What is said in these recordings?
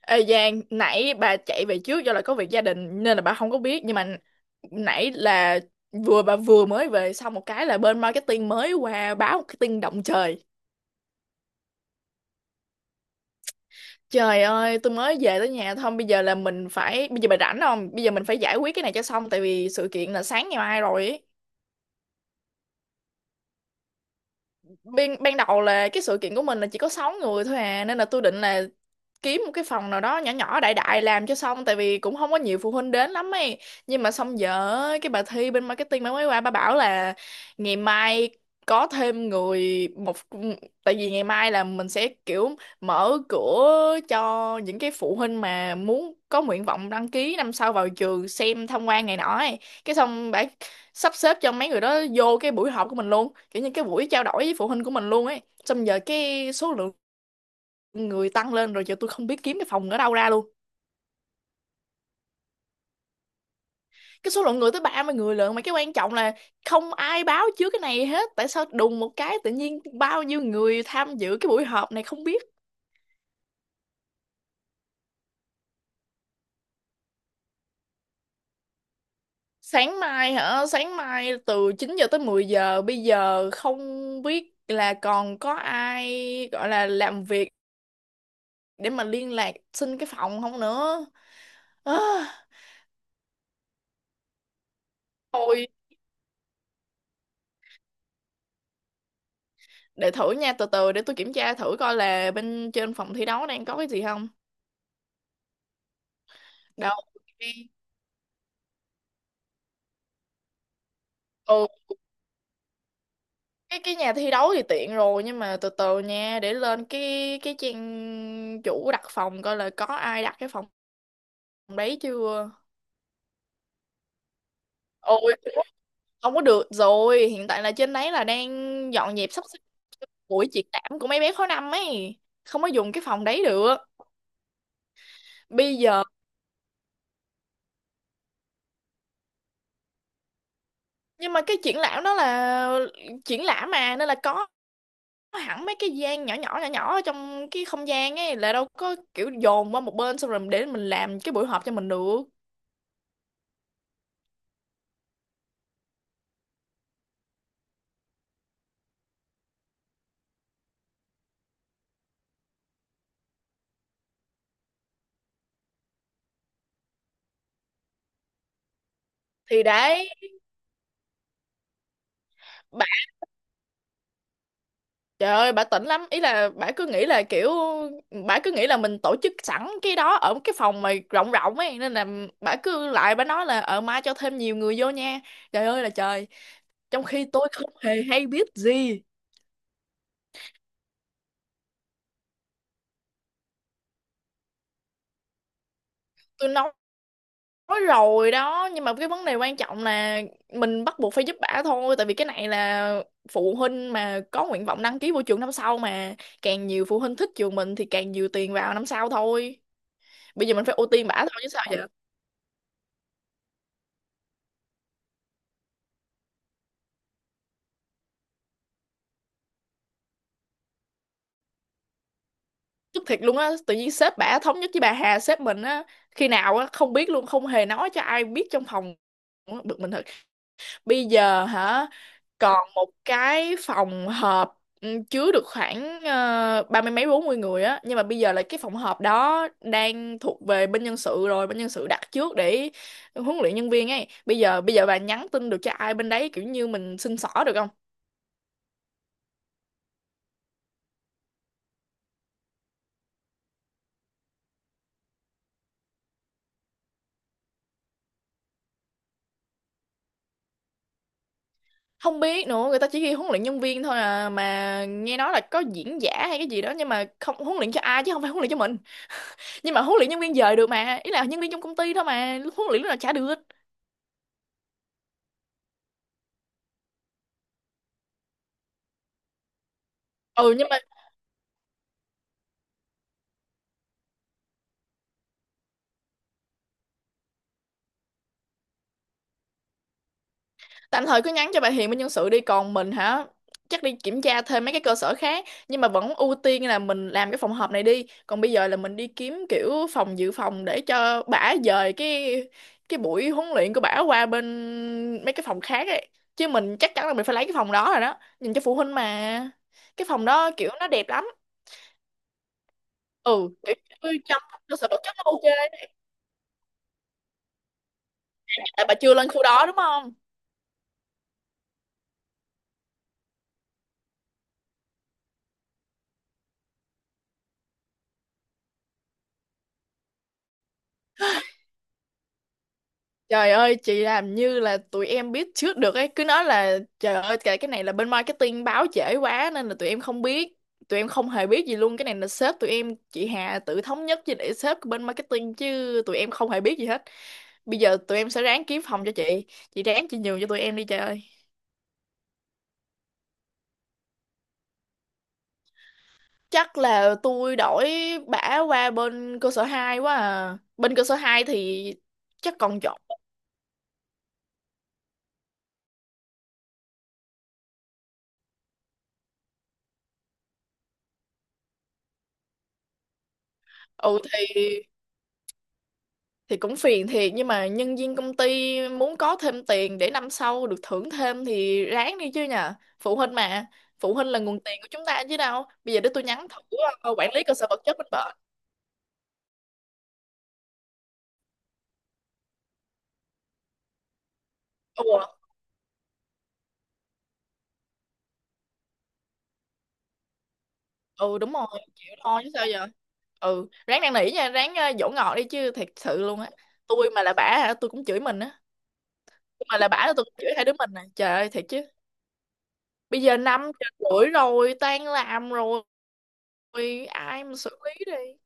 Ê Giang, nãy bà chạy về trước do là có việc gia đình nên là bà không có biết. Nhưng mà nãy là vừa mới về xong một cái là bên marketing mới qua báo một cái tin động trời. Trời ơi, tôi mới về tới nhà thôi, bây giờ là mình phải bây giờ bà rảnh không? Bây giờ mình phải giải quyết cái này cho xong tại vì sự kiện là sáng ngày mai rồi ý. Ban ban đầu là cái sự kiện của mình là chỉ có 6 người thôi à, nên là tôi định là kiếm một cái phòng nào đó nhỏ nhỏ đại đại làm cho xong tại vì cũng không có nhiều phụ huynh đến lắm ấy. Nhưng mà xong giờ cái bà Thi bên marketing bà mới qua bà bảo là ngày mai có thêm người một, tại vì ngày mai là mình sẽ kiểu mở cửa cho những cái phụ huynh mà muốn có nguyện vọng đăng ký năm sau vào trường xem tham quan này nọ ấy. Cái xong bà sắp xếp cho mấy người đó vô cái buổi họp của mình luôn, kiểu như cái buổi trao đổi với phụ huynh của mình luôn ấy. Xong giờ cái số lượng người tăng lên rồi, giờ tôi không biết kiếm cái phòng ở đâu ra luôn. Cái số lượng người tới 30 người lận, mà cái quan trọng là không ai báo trước cái này hết, tại sao đùng một cái tự nhiên bao nhiêu người tham dự cái buổi họp này không biết. Sáng mai hả? Sáng mai từ 9 giờ tới 10 giờ. Bây giờ không biết là còn có ai gọi là làm việc để mà liên lạc xin cái phòng không nữa. à, Thôi để thử nha, từ từ để tôi kiểm tra thử coi là bên trên phòng thi đấu đang có cái gì không. Đâu, cái- ừ, cái nhà thi đấu thì tiện rồi, nhưng mà từ từ nha, để lên cái trang chủ đặt phòng coi là có ai đặt cái phòng đấy chưa. Ôi, không có được rồi, hiện tại là trên đấy là đang dọn dẹp sắp xếp buổi triển lãm của mấy bé khối năm ấy, không có dùng cái phòng đấy được bây giờ. Nhưng mà cái triển lãm đó là triển lãm mà, nên là có hẳn mấy cái gian nhỏ nhỏ nhỏ nhỏ ở trong cái không gian ấy, là đâu có kiểu dồn qua một bên xong rồi để mình làm cái buổi họp cho mình được. Thì đấy bà, trời ơi bà tỉnh lắm ý, là bà cứ nghĩ là kiểu bà cứ nghĩ là mình tổ chức sẵn cái đó ở cái phòng mà rộng rộng ấy, nên là bà cứ lại bà nói là mai cho thêm nhiều người vô nha. Trời ơi là trời, trong khi tôi không hề hay biết gì. Tôi nói rồi đó, nhưng mà cái vấn đề quan trọng là mình bắt buộc phải giúp bả thôi, tại vì cái này là phụ huynh mà có nguyện vọng đăng ký vô trường năm sau mà, càng nhiều phụ huynh thích trường mình thì càng nhiều tiền vào năm sau thôi. Bây giờ mình phải ưu tiên bả thôi chứ sao vậy. Tức thiệt luôn á, tự nhiên sếp bả thống nhất với bà Hà sếp mình á khi nào á không biết luôn, không hề nói cho ai biết trong phòng. Bực mình thật. Bây giờ hả? Còn một cái phòng họp chứa được khoảng 30 mấy 40 người á, nhưng mà bây giờ là cái phòng họp đó đang thuộc về bên nhân sự rồi, bên nhân sự đặt trước để huấn luyện nhân viên ấy. Bây giờ bà nhắn tin được cho ai bên đấy kiểu như mình xin xỏ được không? Không biết nữa, người ta chỉ ghi huấn luyện nhân viên thôi à, mà nghe nói là có diễn giả hay cái gì đó, nhưng mà không huấn luyện cho ai chứ không phải huấn luyện cho mình. Nhưng mà huấn luyện nhân viên dời được mà, ý là nhân viên trong công ty thôi mà, huấn luyện lúc nào chả được. Ừ, nhưng mà tạm thời cứ nhắn cho bà Hiền bên nhân sự đi. Còn mình hả, chắc đi kiểm tra thêm mấy cái cơ sở khác, nhưng mà vẫn ưu tiên là mình làm cái phòng họp này đi. Còn bây giờ là mình đi kiếm kiểu phòng dự phòng để cho bả dời cái buổi huấn luyện của bả qua bên mấy cái phòng khác ấy, chứ mình chắc chắn là mình phải lấy cái phòng đó rồi đó, nhìn cho phụ huynh mà. Cái phòng đó kiểu nó đẹp lắm. Ừ, kiểu như trong cơ sở vật chất nó ok. Tại bà chưa lên khu đó đúng không. Trời ơi, chị làm như là tụi em biết trước được ấy, cứ nói là trời ơi cái này là bên marketing báo trễ quá nên là tụi em không biết, tụi em không hề biết gì luôn, cái này là sếp tụi em chị Hà tự thống nhất với để sếp của bên marketing chứ tụi em không hề biết gì hết. Bây giờ tụi em sẽ ráng kiếm phòng cho chị ráng chị nhường cho tụi em đi trời ơi. Chắc là tôi đổi bả qua bên cơ sở 2 quá à. Bên cơ sở 2 thì chắc còn chỗ. Ừ thì thì cũng phiền thiệt, nhưng mà nhân viên công ty muốn có thêm tiền để năm sau được thưởng thêm thì ráng đi chứ nhờ. Phụ huynh mà, phụ huynh là nguồn tiền của chúng ta chứ đâu. Bây giờ để tôi nhắn thử quản lý cơ sở vật chất bên bệnh. Ừ, ừ đúng rồi, chịu thôi chứ sao giờ. Ừ, ráng năn nỉ nha, ráng dỗ ngọt đi chứ, thiệt sự luôn á. Tôi mà là bả hả tôi cũng chửi mình á, tôi mà là bả là tôi cũng chửi hai đứa mình nè, trời ơi thiệt chứ. Bây giờ 5 rưỡi rồi, tan làm rồi, ai mà xử lý đi.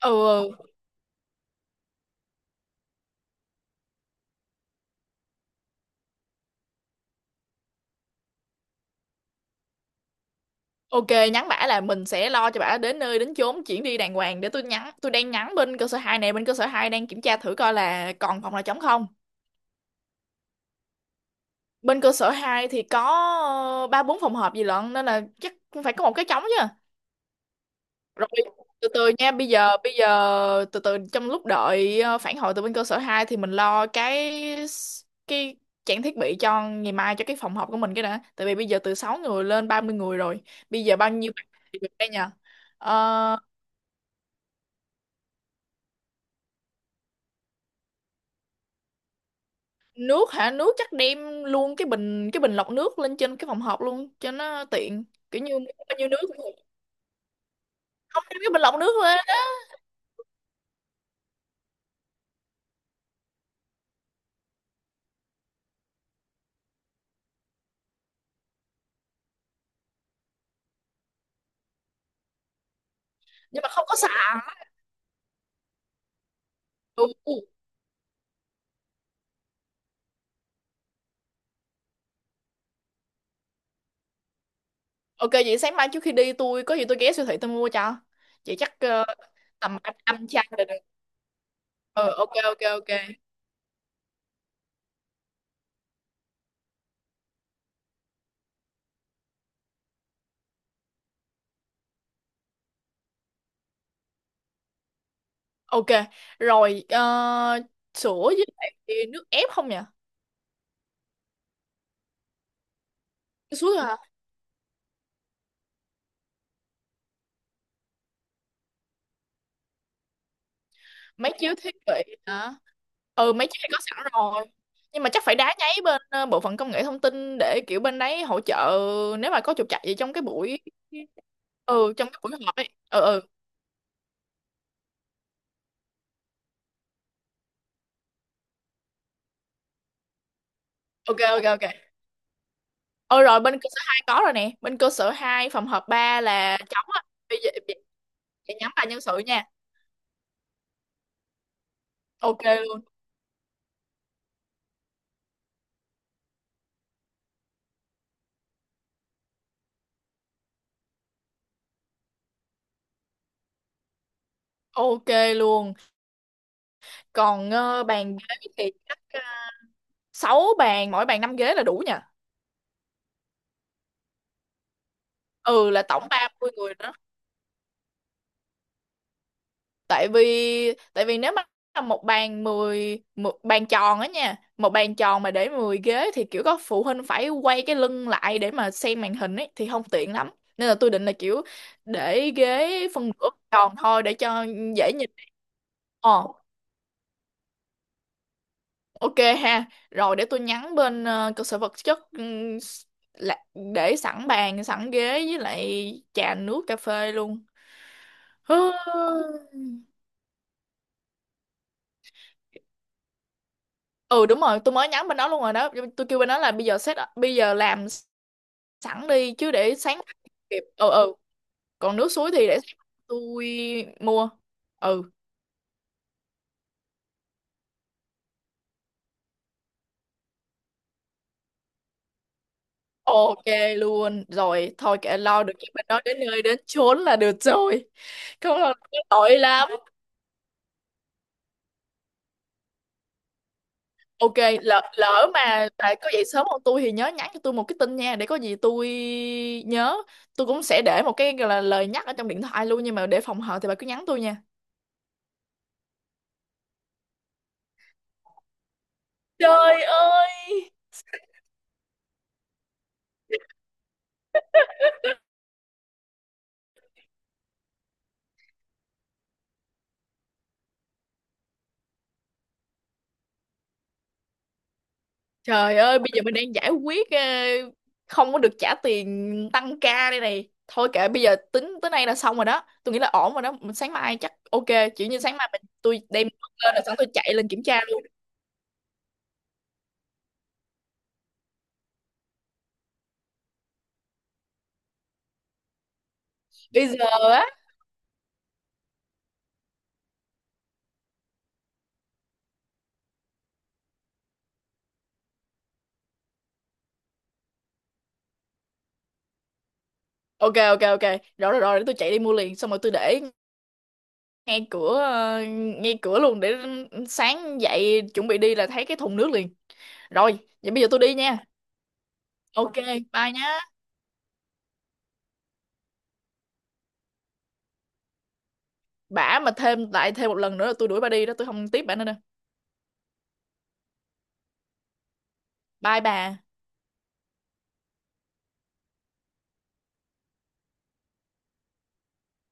Ừ, ừ. Ok, nhắn bả là mình sẽ lo cho bả đến nơi đến chốn, chuyển đi đàng hoàng, để tôi nhắn. Tôi đang nhắn bên cơ sở 2 này, bên cơ sở 2 đang kiểm tra thử coi là còn phòng nào trống không. Bên cơ sở 2 thì có 3 4 phòng họp gì lận, nên là chắc cũng phải có một cái trống chứ. Rồi, từ từ nha, bây giờ từ từ, trong lúc đợi phản hồi từ bên cơ sở 2 thì mình lo cái cái trang thiết bị cho ngày mai cho cái phòng họp của mình cái đã. Tại vì bây giờ từ 6 người lên 30 người rồi. Bây giờ bao nhiêu bạn thì được đây nhờ? Ờ, nước hả, nước chắc đem luôn cái bình lọc nước lên trên cái phòng họp luôn cho nó tiện, kiểu như muốn bao nhiêu nước cũng được. Không đem cái bình lọc nước lên á? Nhưng mà không có sẵn. Ừ. Ok, vậy sáng mai trước khi đi tôi có gì tôi ghé siêu thị tôi mua cho chị. Chắc tầm anh chai là được. Ờ ok ok ok. Ok rồi, sữa với lại nước ép không nhỉ? Cái suối. Mấy chiếu thiết bị hả? Ừ, mấy chiếc này có sẵn rồi. Nhưng mà chắc phải đá nháy bên bộ phận công nghệ thông tin để kiểu bên đấy hỗ trợ nếu mà có trục trặc gì trong cái buổi. Ừ, trong cái buổi họp ấy. Ừ, ừ. Ok ok ok. Ừ rồi, bên cơ sở hai có rồi nè, bên cơ sở 2 phòng họp 3 là trống á. Bây giờ nhắm là nhân sự nha. Ok luôn. Ok luôn. Còn bàn ghế thì chắc 6 bàn mỗi bàn 5 ghế là đủ nha. Ừ, là tổng 30 người đó. Tại vì nếu mà là một bàn 10 một bàn tròn á nha, một bàn tròn mà để 10 ghế thì kiểu có phụ huynh phải quay cái lưng lại để mà xem màn hình ấy thì không tiện lắm. Nên là tôi định là kiểu để ghế phân nửa tròn thôi để cho dễ nhìn. Ờ ok ha. Rồi để tôi nhắn bên cơ sở vật chất là- để sẵn bàn sẵn ghế với lại trà nước cà phê luôn. Ừ đúng rồi, tôi mới nhắn bên đó luôn rồi đó. Tôi kêu bên đó là bây giờ làm sẵn đi chứ, để sáng kịp. Ừ ừ. Còn nước suối thì để sáng tôi mua. Ừ, ok luôn rồi, thôi kệ lo được cái bên đó đến nơi đến chốn là được rồi. Không là tội lắm. Ok, lỡ mà bà có dậy sớm hơn tôi thì nhớ nhắn cho tôi một cái tin nha, để có gì tôi nhớ. Tôi cũng sẽ để một cái gọi là lời nhắc ở trong điện thoại luôn nhưng mà để phòng hờ thì bà cứ nhắn tôi nha. Trời ơi. Trời ơi, bây giờ mình đang giải quyết không có được trả tiền tăng ca đây này. Thôi kệ, bây giờ tính tới nay là xong rồi đó. Tôi nghĩ là ổn rồi đó. Mình sáng mai chắc ok, kiểu như sáng mai tôi đem lên là sẵn tôi chạy lên kiểm tra luôn. Bây giờ á. Ok ok ok. Rồi rồi rồi, để tôi chạy đi mua liền xong rồi tôi để ngay cửa, ngay cửa luôn để sáng dậy chuẩn bị đi là thấy cái thùng nước liền. Rồi, vậy bây giờ tôi đi nha. Ok, bye nhá. Bả mà thêm một lần nữa là tôi đuổi bà đi đó, tôi không tiếp bả nữa đâu. Bye bà.